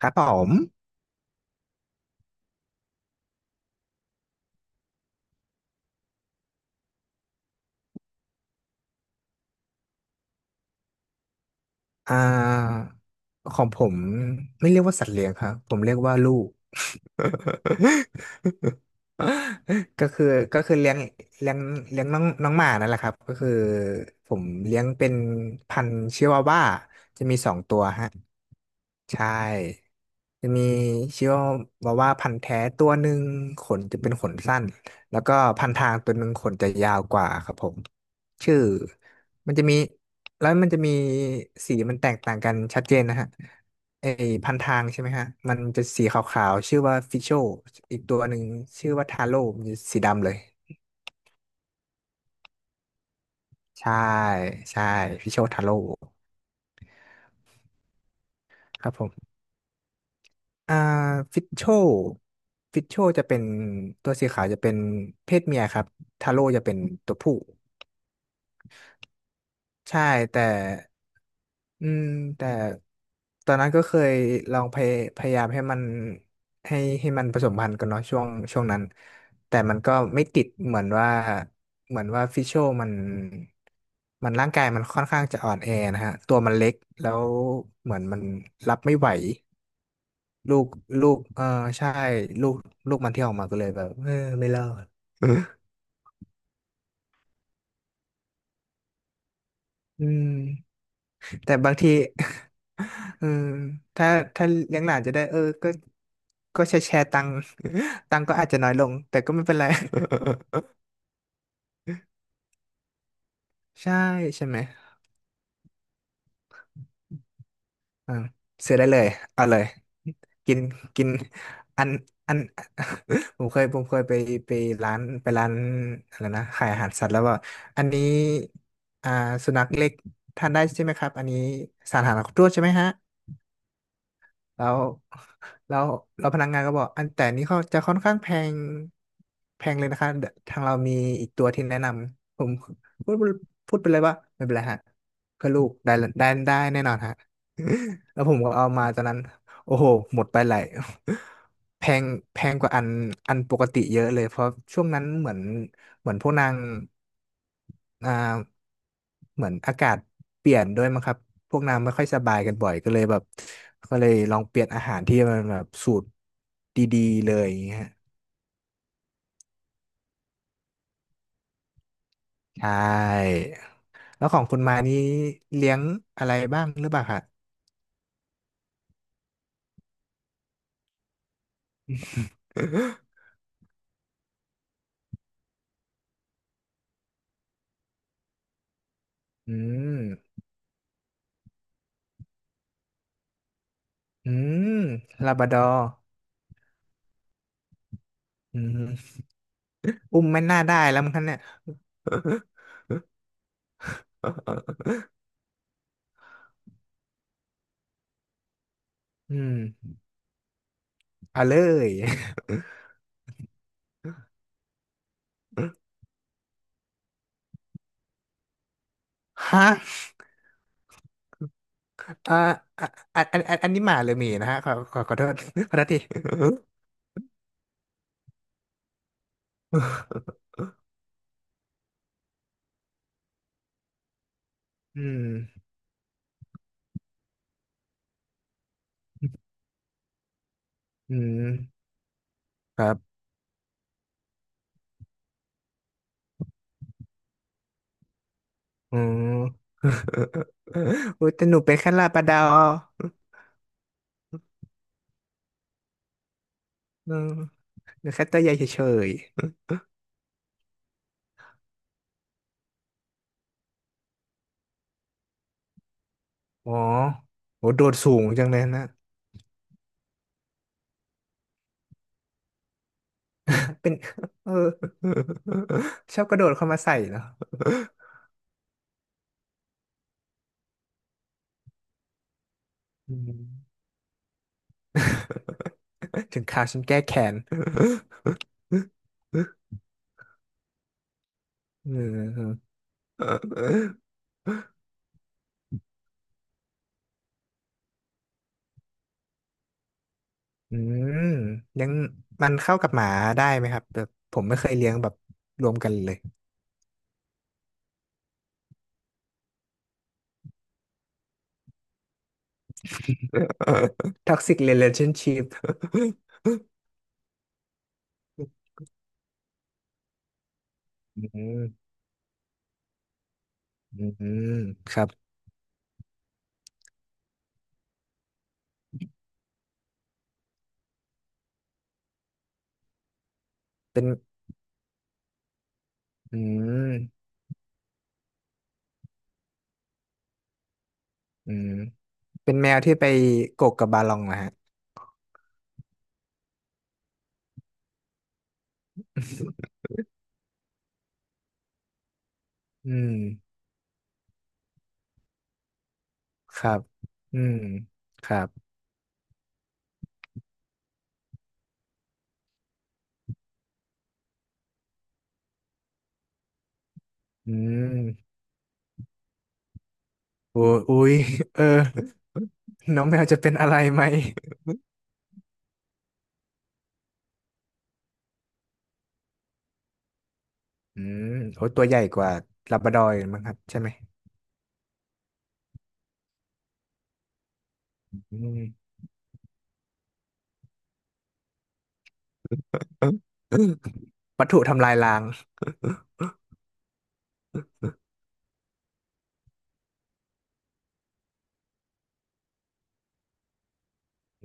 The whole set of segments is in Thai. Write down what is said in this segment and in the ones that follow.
ครับผมอ่าของผมไม่เรียกว่าสัตว์เลี้ยงครับ ผมเรียกว่าลูก ก็คือก็คือเลี้ยงเลี้ยงน้องน้องหมานั่นแหละครับ ก็คือผมเลี้ยงเป็นพันธุ์ชิวาว่าจะมีสองตัวฮะ ใช่จะมีชิวาวาว่าพันธุ์แท้ตัวหนึ่งขนจะเป็นขนสั้นแล้วก็พันทางตัวหนึ่งขนจะยาวกว่าครับผมชื่อมันจะมีแล้วมันจะมีสีมันแตกต่างกันชัดเจนนะฮะไอพันทางใช่ไหมฮะมันจะสีขาวๆชื่อว่าฟิโชอีกตัวหนึ่งชื่อว่าทาโร่มันจะสีดำเลยใช่ใช่ฟิโชทาโร่ครับผม อ่าฟิตโชฟิตโชจะเป็นตัวสีขาวจะเป็นเพศเมียครับทาโร่จะเป็นตัวผู้ใช่แต่อืมแต่ตอนนั้นก็เคยลองพยายามให้มันให้มันผสมพันธุ์กันเนาะช่วงนั้นแต่มันก็ไม่ติดเหมือนว่าฟิชโชมันมันร่างกายมันค่อนข้างจะอ่อนแอนะฮะตัวมันเล็กแล้วเหมือนมันรับไม่ไหว ลูกลูกใช่ลูกลูกมันที่ออกมาก็เลยแบบเออไม่รอดเอออืมแต่บางที เออถ้าถ้าเลี้ยงหลานจะได้เออก็ก็แชร์ตังค์ ตังค์ก็อาจจะน้อยลงแต่ก็ไม่เป็นไร ใช่ใช่ไหม อ่าซื้อได้เลย เอาเลย กินกินอัน อัน ผมเคยไปร้าน ไปร้านอะไรนะ ขายอาหารสัตว์แล้วว่า อันนี้ อ่า สุนัขเล็กทานได้ใช่ไหมครับ อันนี้สารอาหารครบถ้วนใช่ไหมฮะ แล้วแล้วแล้วพนักงานก็บอกอันแต่นี้เขาจะค่อนข้างแพงแพงเลยนะคะเดี๋ยวทางเรามีอีกตัวที่แนะนำผมพูดพูดไปเลยว่าไม่เป็นไรฮะเพื่อลูกได้ได้ได้แน่นอนฮะ แล้วผมก็เอามาตอนนั้น โอ้โหหมดไปหลาย แพงแพงกว่าอันปกติเยอะเลยเพราะช่วงนั้นเหมือนพวกนางอ่าเหมือนอากาศเปลี่ยนด้วยมั้งครับพวกนางไม่ค่อยสบายกันบ่อยก็เลยแบบก็เลยลองเปลี่ยนอาหารที่มันแบบสูตรดีๆเลยอย่างเงี้ยใช่แล้วของคุณมานี้เลี้ยงอะไรบ้างหรือเปล่าคะ อืมอืมลาบราดอร์อืมอุ้มไม่น่าได้แล้วมั้งคะเนี่ย อืมเอาเลยฮะอ่าอ่ะอันนี้หมาหรือหมีนะฮะขอโทษขอโทษทีอืมอืมครับอืมโอ้ยแต่หนูเป็นแค่ลาบราดอร์อืมหนูแค่ตัวใหญ่เฉยๆอ๋อโหโดดสูงจังเลยนะเป็นเออชอบกระโดดเข้ามาใส่เนาะอืมถึงข่าวฉันแก้แค้นเออ อืมเลี้ยงมันเข้ากับหมาได้ไหมครับแบบผมไม่เคยเลี้ยงแบบรวมกันเลย Toxic Relationship อืมอืมครับเป็นอืมอืมเป็นแมวที่ไปโกกกับบาลองนะฮะอืมครับอืมครับอืมโอ้อุ๊ยเออน้องแมวจะเป็นอะไรไหมอืมโอ้ตัวใหญ่กว่าลาบราดอร์อีกมั้งครับใช่ไหมอืม วัตถุทำลายล้าง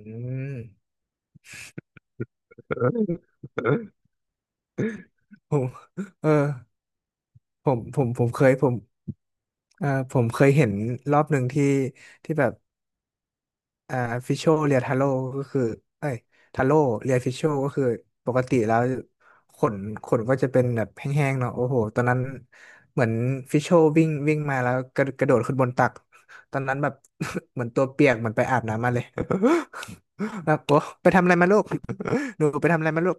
อืมผมเออผมผมผมเคยผมเออผมเคยเห็นรอบหนึ่งที่ที่แบบอ่าฟิชโชเรียทาโร่ก็คือเอ้ยทาโร่เรียฟิชโชก็คือปกติแล้วขนขนก็จะเป็นแบบแห้งๆเนาะโอ้โหตอนนั้นเหมือนฟิชโชวิ่งวิ่งมาแล้วกระโดดขึ้นบนตักตอนนั้นแบบ เหมือนตัวเปียกเหมือนไปอาบน้ำมาเลย แบบโอ้ไปทำอะไรมาลูกหนูไปทำอะไรมาลูก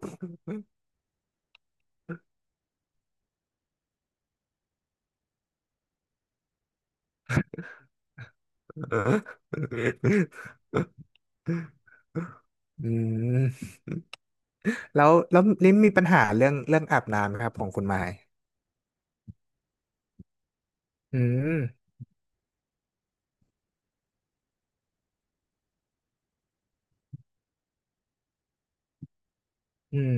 อืมแล้วลิมมีปัญหาเรื่องเรื่องอาบน้ำไหมครับของคุณไม้อืมอืม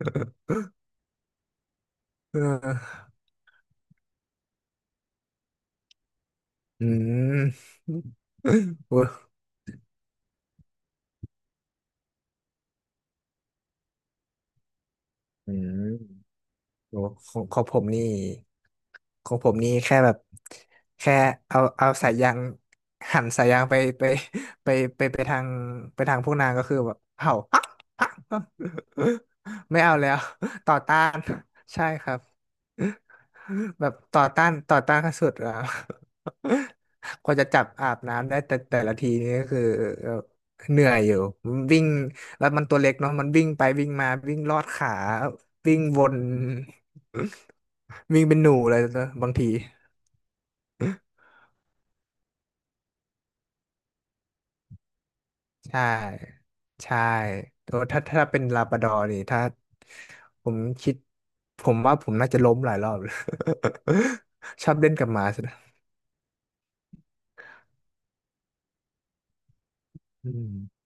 เอออืม โอ้ยอืม โหของของผมนี่ของผมนี่แค่แบบแค่เอาสายยางหันสายยางไปไปไปทางไปทางพวกนางก็คือแบบเห่า อ๊ะไม่เอาแล้วต่อต้านใช่ครับ แบบต่อต้านขั้นสุดอ่ะ กว่าจะจับอาบน้ำได้แต่แต่ละทีนี่ก็คือเอ่อเหนื่อยอยู่มันวิ่งแล้วมันตัวเล็กเนาะมันวิ่งไปวิ่งมาวิ่งลอดขาวิ่งวน วิ่งเป็นหนูเลยนะบางทีใช่ใช่โอ้ถ้าถ้าเป็นลาบราดอร์นี่ถ้าผมคิดผมว่าผมน่าจะล้มหลายรอบเลย ชอบเล่นกับหมาสุดอืม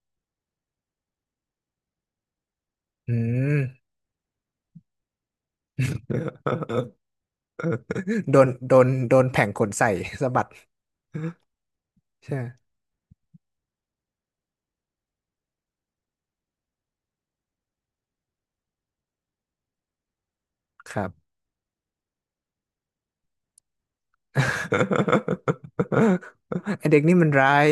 อืม โดนแผงขนใส่ สะบัดใช่ไหมครับ ไอเด็กนี่มันร้าย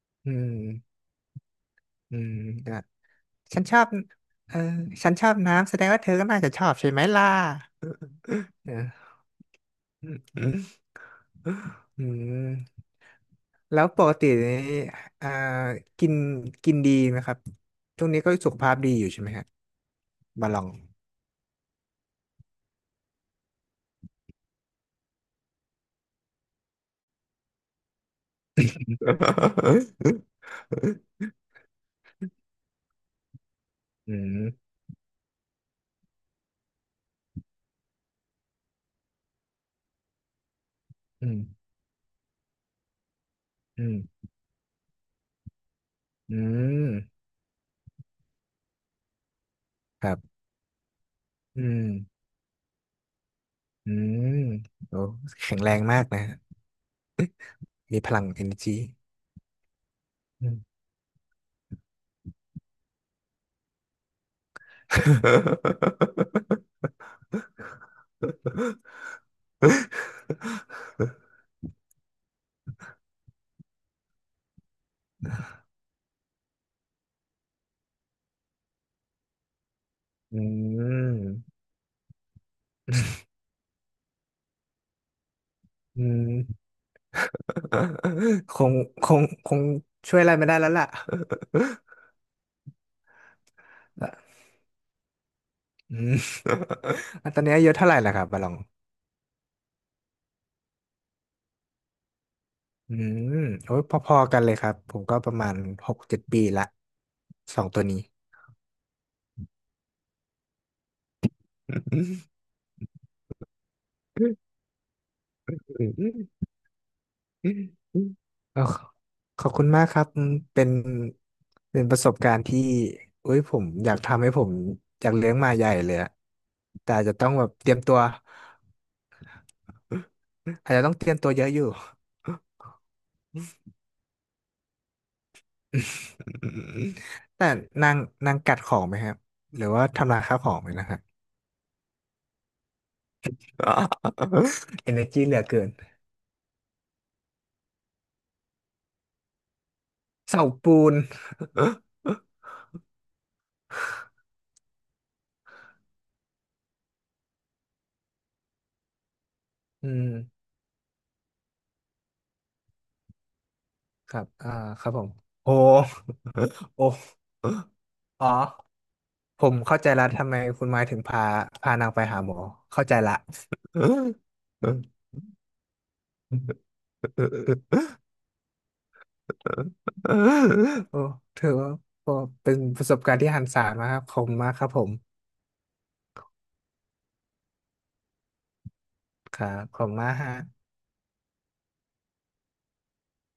อืมอืมอ่ะฉันชอบเออฉันชอบน้ำแสดงว่าเธอก็น่าจะชอบใช่ไหมล่ะเอออืมอืมแล้วปกตินี่อ่ากินกินดีไหมครับช่วงนี้ก็สุขภาพดีอยู่ใช่ไหมฮะบาลอง อืมอืมอืมอืมครับ อืม อืมโอ้แข็งแรงมากนะมีพลัง energy อืมอืมอืมคงคงช่วยอะไรไม่ได้แล้วล่ะอืมอ่ะตอนนี้อายุเท่าไหร่ล่ะครับบาลองอืมโอ้ยพอๆกันเลยครับผมก็ประมาณหกเจ็ดปีละสองตัวนี้ เอาขอบคุณมากครับเป็นเป็นประสบการณ์ที่เอ้ยผมอยากเลี้ยงหมาใหญ่เลยอะแต่อาจจะต้องแบบเตรียมตัวอาจจะต้องเตรียมตัวเยอะอยู่ แต่นางนางกัดของไหมครับหรือว่าทำลายข้าวของไหมนะครับ เอเนอร์จี เหลือเกินเสาปูน อืมครับครับผมโอ้ โอ้อ๋อ ผมเข้าใจละทำไมคุณไม้ถึงพาพานางไปหาหมอเข้าใจละ โอ้ถือว่าเป็นประสบการณ์ที่หันศาลมากครับขอบคุณมากครับผมครับขอบคุณมากฮะ